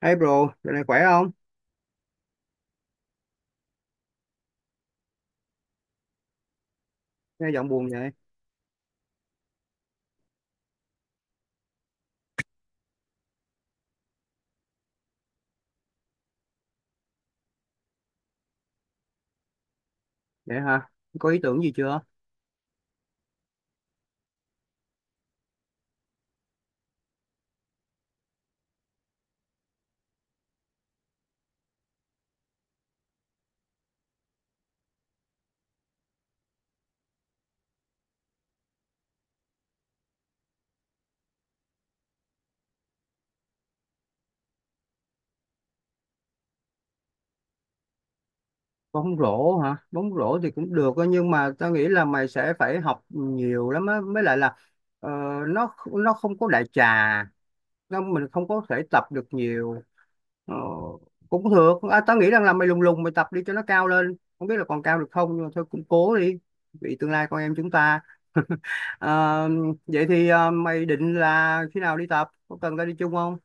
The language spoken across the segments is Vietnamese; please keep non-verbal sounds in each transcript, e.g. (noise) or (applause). Hey bro, giờ này khỏe không? Nghe giọng buồn vậy. Vậy hả? Có ý tưởng gì chưa? Bóng rổ hả? Bóng rổ thì cũng được á, nhưng mà tao nghĩ là mày sẽ phải học nhiều lắm á. Mới lại là ờ, nó không có đại trà, nó mình không có thể tập được nhiều. Ờ, cũng được. À, tao nghĩ rằng là mày lùng lùng mày tập đi cho nó cao lên. Không biết là còn cao được không nhưng mà thôi cũng cố đi. Vì tương lai con em chúng ta. (laughs) Ờ, vậy thì mày định là khi nào đi tập? Có cần tao đi chung không?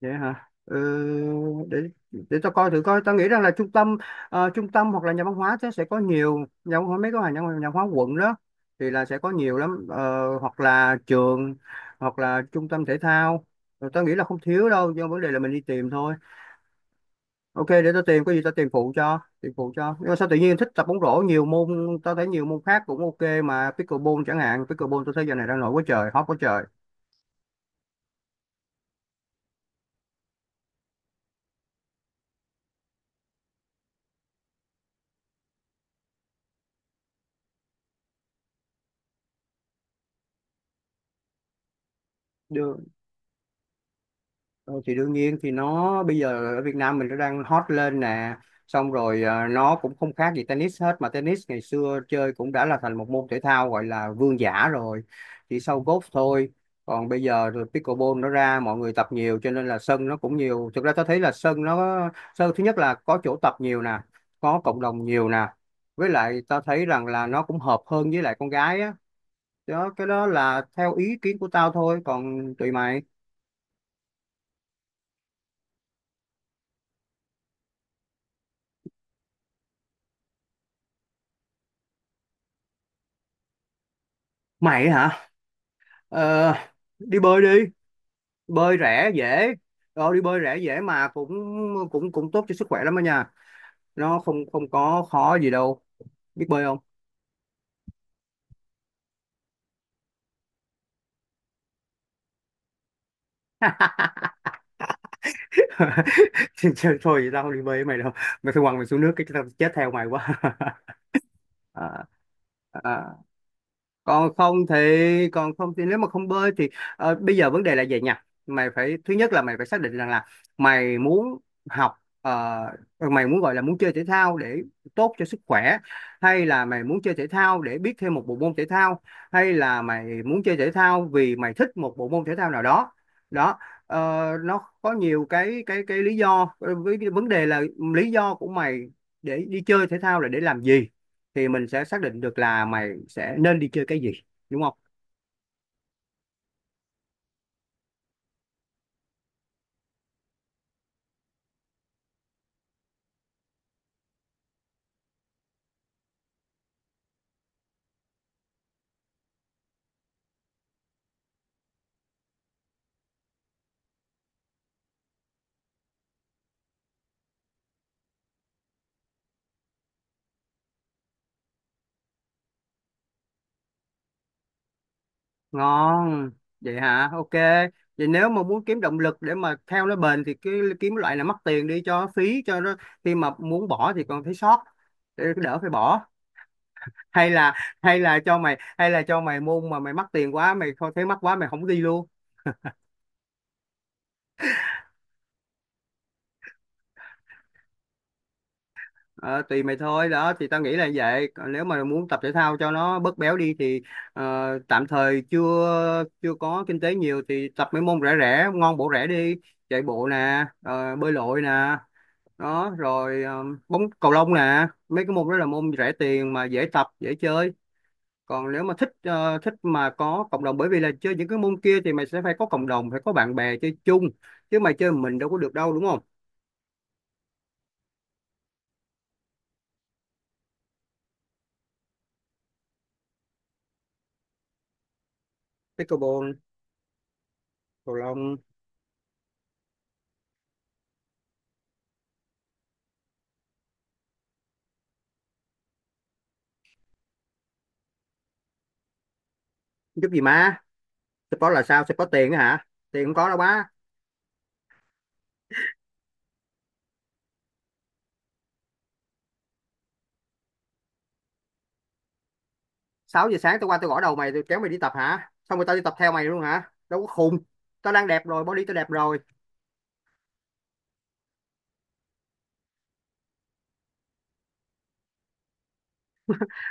Vậy hả? Ừ, để để tao coi thử coi. Tao nghĩ rằng là trung tâm trung tâm hoặc là nhà văn hóa sẽ có nhiều nhà văn hóa mấy cái nhà, nhà văn hóa quận đó thì là sẽ có nhiều lắm. Ờ, hoặc là trường hoặc là trung tâm thể thao. Rồi tao nghĩ là không thiếu đâu, do vấn đề là mình đi tìm thôi. Ok, để tao tìm có gì tao tìm phụ cho, tìm phụ cho. Nhưng mà sao tự nhiên thích tập bóng rổ nhiều môn, tao thấy nhiều môn khác cũng ok mà pickleball chẳng hạn, pickleball tao thấy giờ này đang nổi quá trời, hot quá trời. Được. Ờ, thì đương nhiên thì nó bây giờ ở Việt Nam mình nó đang hot lên nè, xong rồi nó cũng không khác gì tennis hết, mà tennis ngày xưa chơi cũng đã là thành một môn thể thao gọi là vương giả rồi, chỉ sau golf thôi. Còn bây giờ rồi pickleball nó ra mọi người tập nhiều cho nên là sân nó cũng nhiều, thực ra tôi thấy là sân thứ nhất là có chỗ tập nhiều nè, có cộng đồng nhiều nè, với lại tao thấy rằng là nó cũng hợp hơn với lại con gái á. Đó, cái đó là theo ý kiến của tao thôi, còn tùy mày. Mày hả? Ờ, đi bơi đi, bơi rẻ dễ. Đó đi bơi rẻ dễ mà cũng cũng cũng tốt cho sức khỏe lắm đó nha, nó không không có khó gì đâu. Biết bơi không? (laughs) Trời, trời, thôi tao không đi bơi với mày đâu, mày phải quăng mày xuống nước cái tao chết theo mày quá. (laughs) à, à, còn không thì nếu mà không bơi thì bây giờ vấn đề là vậy nha, mày phải thứ nhất là mày phải xác định rằng là mày muốn học ờ, mày muốn gọi là muốn chơi thể thao để tốt cho sức khỏe, hay là mày muốn chơi thể thao để biết thêm một bộ môn thể thao, hay là mày muốn chơi thể thao vì mày thích một bộ môn thể thao nào đó. Đó, ờ, nó có nhiều cái lý do. Ờ, với cái vấn đề là lý do của mày để đi chơi thể thao là để làm gì thì mình sẽ xác định được là mày sẽ nên đi chơi cái gì, đúng không? Ngon, vậy hả, ok. Vậy nếu mà muốn kiếm động lực để mà theo nó bền thì cái kiếm loại là mắc tiền đi cho phí cho nó, khi mà muốn bỏ thì còn thấy sót, để đỡ phải bỏ. Hay là hay là cho mày môn mà mày mắc tiền quá mày không thấy mắc quá mày không đi luôn. Ờ, tùy mày thôi đó, thì tao nghĩ là vậy. Còn nếu mà muốn tập thể thao cho nó bớt béo đi thì ờ, tạm thời chưa chưa có kinh tế nhiều thì tập mấy môn rẻ rẻ ngon bổ rẻ đi. Chạy bộ nè, bơi lội nè, đó rồi bóng cầu lông nè, mấy cái môn đó là môn rẻ tiền mà dễ tập dễ chơi. Còn nếu mà thích thích mà có cộng đồng, bởi vì là chơi những cái môn kia thì mày sẽ phải có cộng đồng, phải có bạn bè chơi chung, chứ mày chơi mình đâu có được đâu, đúng không? Pickleball. Cầu lông. Giúp gì má. Support là sao? Sẽ có tiền á hả? Tiền không có đâu má. Sáu giờ sáng tao qua tao gõ đầu mày tao kéo mày đi tập hả? Xong rồi tao đi tập theo mày luôn hả? Đâu có khùng. Tao đang đẹp rồi, body tao đẹp rồi.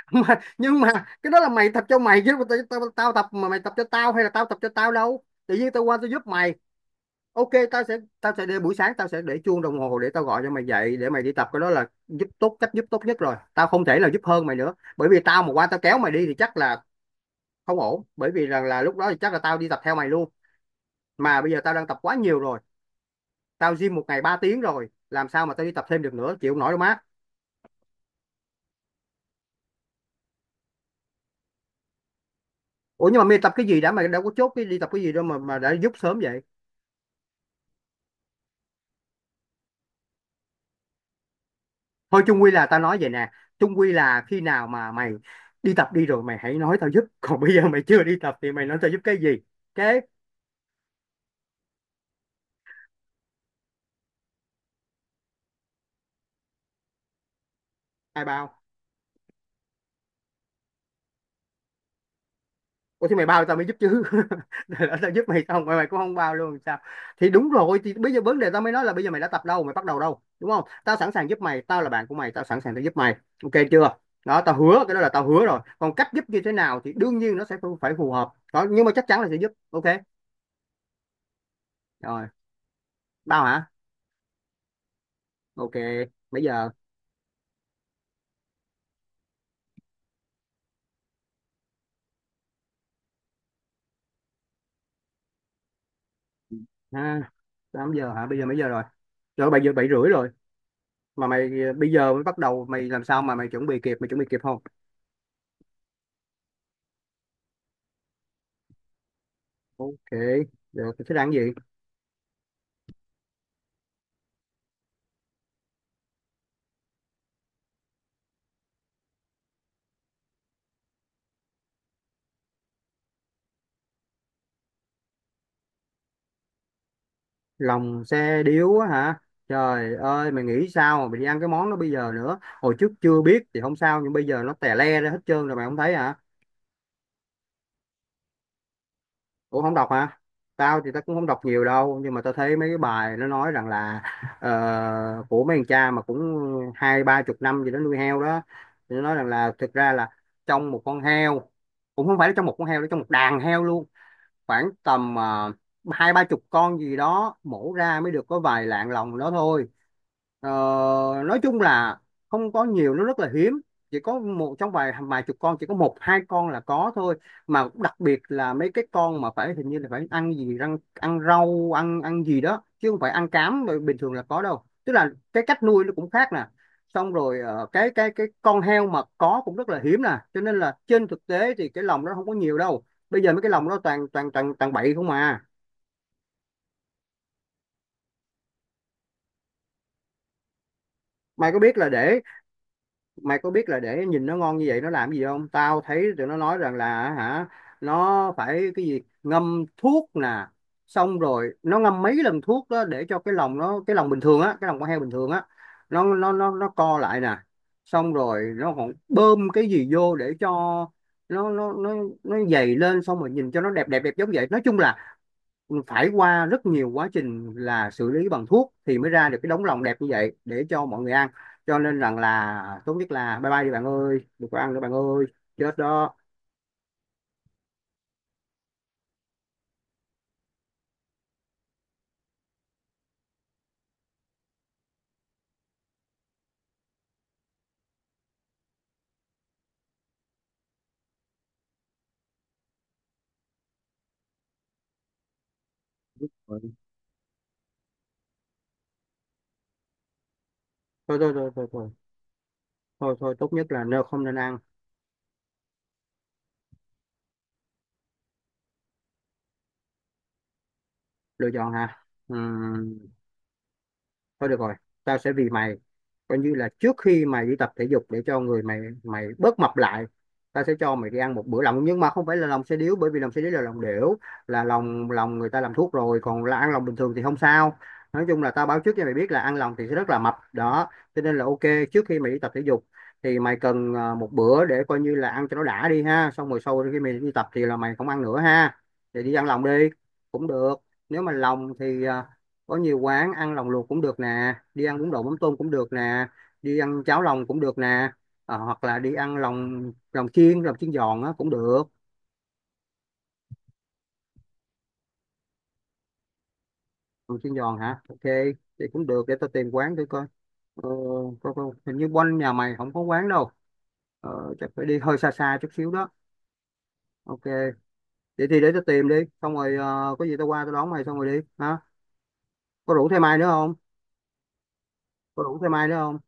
(laughs) Mà, nhưng mà cái đó là mày tập cho mày chứ tao, tao tập mà mày tập cho tao hay là tao tập cho tao đâu. Tự nhiên tao qua tao giúp mày. Ok, tao sẽ để buổi sáng, tao sẽ để chuông đồng hồ để tao gọi cho mày dậy để mày đi tập, cái đó là giúp tốt cách giúp tốt nhất rồi. Tao không thể là giúp hơn mày nữa. Bởi vì tao mà qua tao kéo mày đi thì chắc là không ổn. Bởi vì rằng là lúc đó thì chắc là tao đi tập theo mày luôn. Mà bây giờ tao đang tập quá nhiều rồi, tao gym một ngày 3 tiếng rồi làm sao mà tao đi tập thêm được nữa, chịu không nổi đâu má. Ủa nhưng mà mày tập cái gì đã, mày đâu có chốt cái đi tập cái gì đâu mà đã giúp sớm vậy. Thôi chung quy là tao nói vậy nè, chung quy là khi nào mà mày đi tập đi rồi mày hãy nói tao giúp, còn bây giờ mày chưa đi tập thì mày nói tao giúp cái gì kế. Ai bao? Ủa thì mày bao tao mới giúp chứ. (laughs) Để lỡ tao giúp mày xong rồi mày cũng không bao luôn sao? Thì đúng rồi, thì bây giờ vấn đề tao mới nói là bây giờ mày đã tập đâu, mày bắt đầu đâu, đúng không? Tao sẵn sàng giúp mày, tao là bạn của mày, tao sẵn sàng tao giúp mày. Ok chưa? Đó, tao hứa, cái đó là tao hứa rồi. Còn cách giúp như thế nào thì đương nhiên nó sẽ phải phải phù hợp đó. Nhưng mà chắc chắn là sẽ giúp. Ok rồi, bao hả? Ok, bây giờ ha. 8 giờ hả, bây giờ mấy giờ rồi? Rồi bây giờ 7 rưỡi rồi. Mà mày bây giờ mới bắt đầu, mày làm sao mà mày chuẩn bị kịp? Mày chuẩn bị kịp không? Ok, được thế đang gì. Lòng xe điếu á hả, trời ơi mày nghĩ sao mà mày đi ăn cái món đó bây giờ nữa, hồi trước chưa biết thì không sao nhưng bây giờ nó tè le ra hết trơn rồi mày không thấy hả? Ủa không đọc hả? Tao thì tao cũng không đọc nhiều đâu nhưng mà tao thấy mấy cái bài nó nói rằng là của mấy thằng cha mà cũng hai ba chục năm gì đó nuôi heo đó, thì nó nói rằng là thực ra là trong một con heo, cũng không phải là trong một con heo, nó trong một đàn heo luôn, khoảng tầm hai ba chục con gì đó mổ ra mới được có vài lạng lòng đó thôi. Ờ, nói chung là không có nhiều, nó rất là hiếm, chỉ có một trong vài vài chục con chỉ có một hai con là có thôi. Mà đặc biệt là mấy cái con mà phải hình như là phải ăn ăn rau ăn ăn gì đó chứ không phải ăn cám mà bình thường là có đâu, tức là cái cách nuôi nó cũng khác nè, xong rồi cái con heo mà có cũng rất là hiếm nè, cho nên là trên thực tế thì cái lòng nó không có nhiều đâu. Bây giờ mấy cái lòng đó toàn toàn toàn toàn bậy không à. Mày có biết là để nhìn nó ngon như vậy nó làm gì không, tao thấy tụi nó nói rằng là hả, nó phải cái gì ngâm thuốc nè, xong rồi nó ngâm mấy lần thuốc đó để cho cái lòng bình thường á, cái lòng con heo bình thường á, nó co lại nè, xong rồi nó còn bơm cái gì vô để cho nó nó dày lên xong rồi nhìn cho nó đẹp đẹp đẹp giống vậy. Nói chung là phải qua rất nhiều quá trình là xử lý bằng thuốc thì mới ra được cái đống lòng đẹp như vậy để cho mọi người ăn. Cho nên rằng là tốt nhất là bye bye đi bạn ơi, đừng có ăn nữa bạn ơi, chết đó. Thôi thôi thôi thôi thôi Thôi, tốt nhất là no, không nên ăn. Lựa chọn hả? Ừm, thôi được rồi, tao sẽ vì mày, coi như là trước khi mày đi tập thể dục để cho người mày mày bớt mập lại, ta sẽ cho mày đi ăn một bữa lòng, nhưng mà không phải là lòng xe điếu bởi vì lòng xe điếu là lòng đểu, là lòng lòng người ta làm thuốc rồi, còn là ăn lòng bình thường thì không sao. Nói chung là tao báo trước cho mày biết là ăn lòng thì sẽ rất là mập đó, cho nên là ok, trước khi mày đi tập thể dục thì mày cần một bữa để coi như là ăn cho nó đã đi ha, xong rồi sau khi mày đi tập thì là mày không ăn nữa ha, thì đi ăn lòng đi cũng được. Nếu mà lòng thì có nhiều quán ăn lòng luộc cũng được nè, đi ăn bún đậu mắm tôm cũng được nè, đi ăn cháo lòng cũng được nè. Ờ, hoặc là đi ăn lòng lòng chiên giòn á cũng được. Lòng chiên giòn hả, ok, thì cũng được, để tao tìm quán thử coi. ờ, Coi, hình như quanh nhà mày không có quán đâu, chắc phải đi hơi xa xa chút xíu đó. Ok, vậy thì để tao tìm đi, xong rồi có gì tao qua tao đón mày xong rồi đi hả? Có rủ thêm ai nữa không? Có rủ thêm ai nữa không?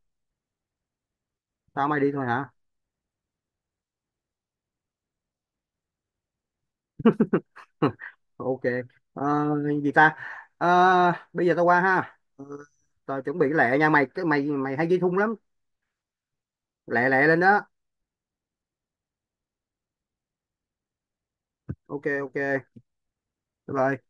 Tao mày đi thôi hả? (laughs) Ok. Ờ, gì ta? Ờ, bây giờ tao qua ha. Ờ, tao chuẩn bị lẹ nha mày, cái mày mày hay ghi thun lắm, lẹ lẹ lên đó. Ok ok bye bye.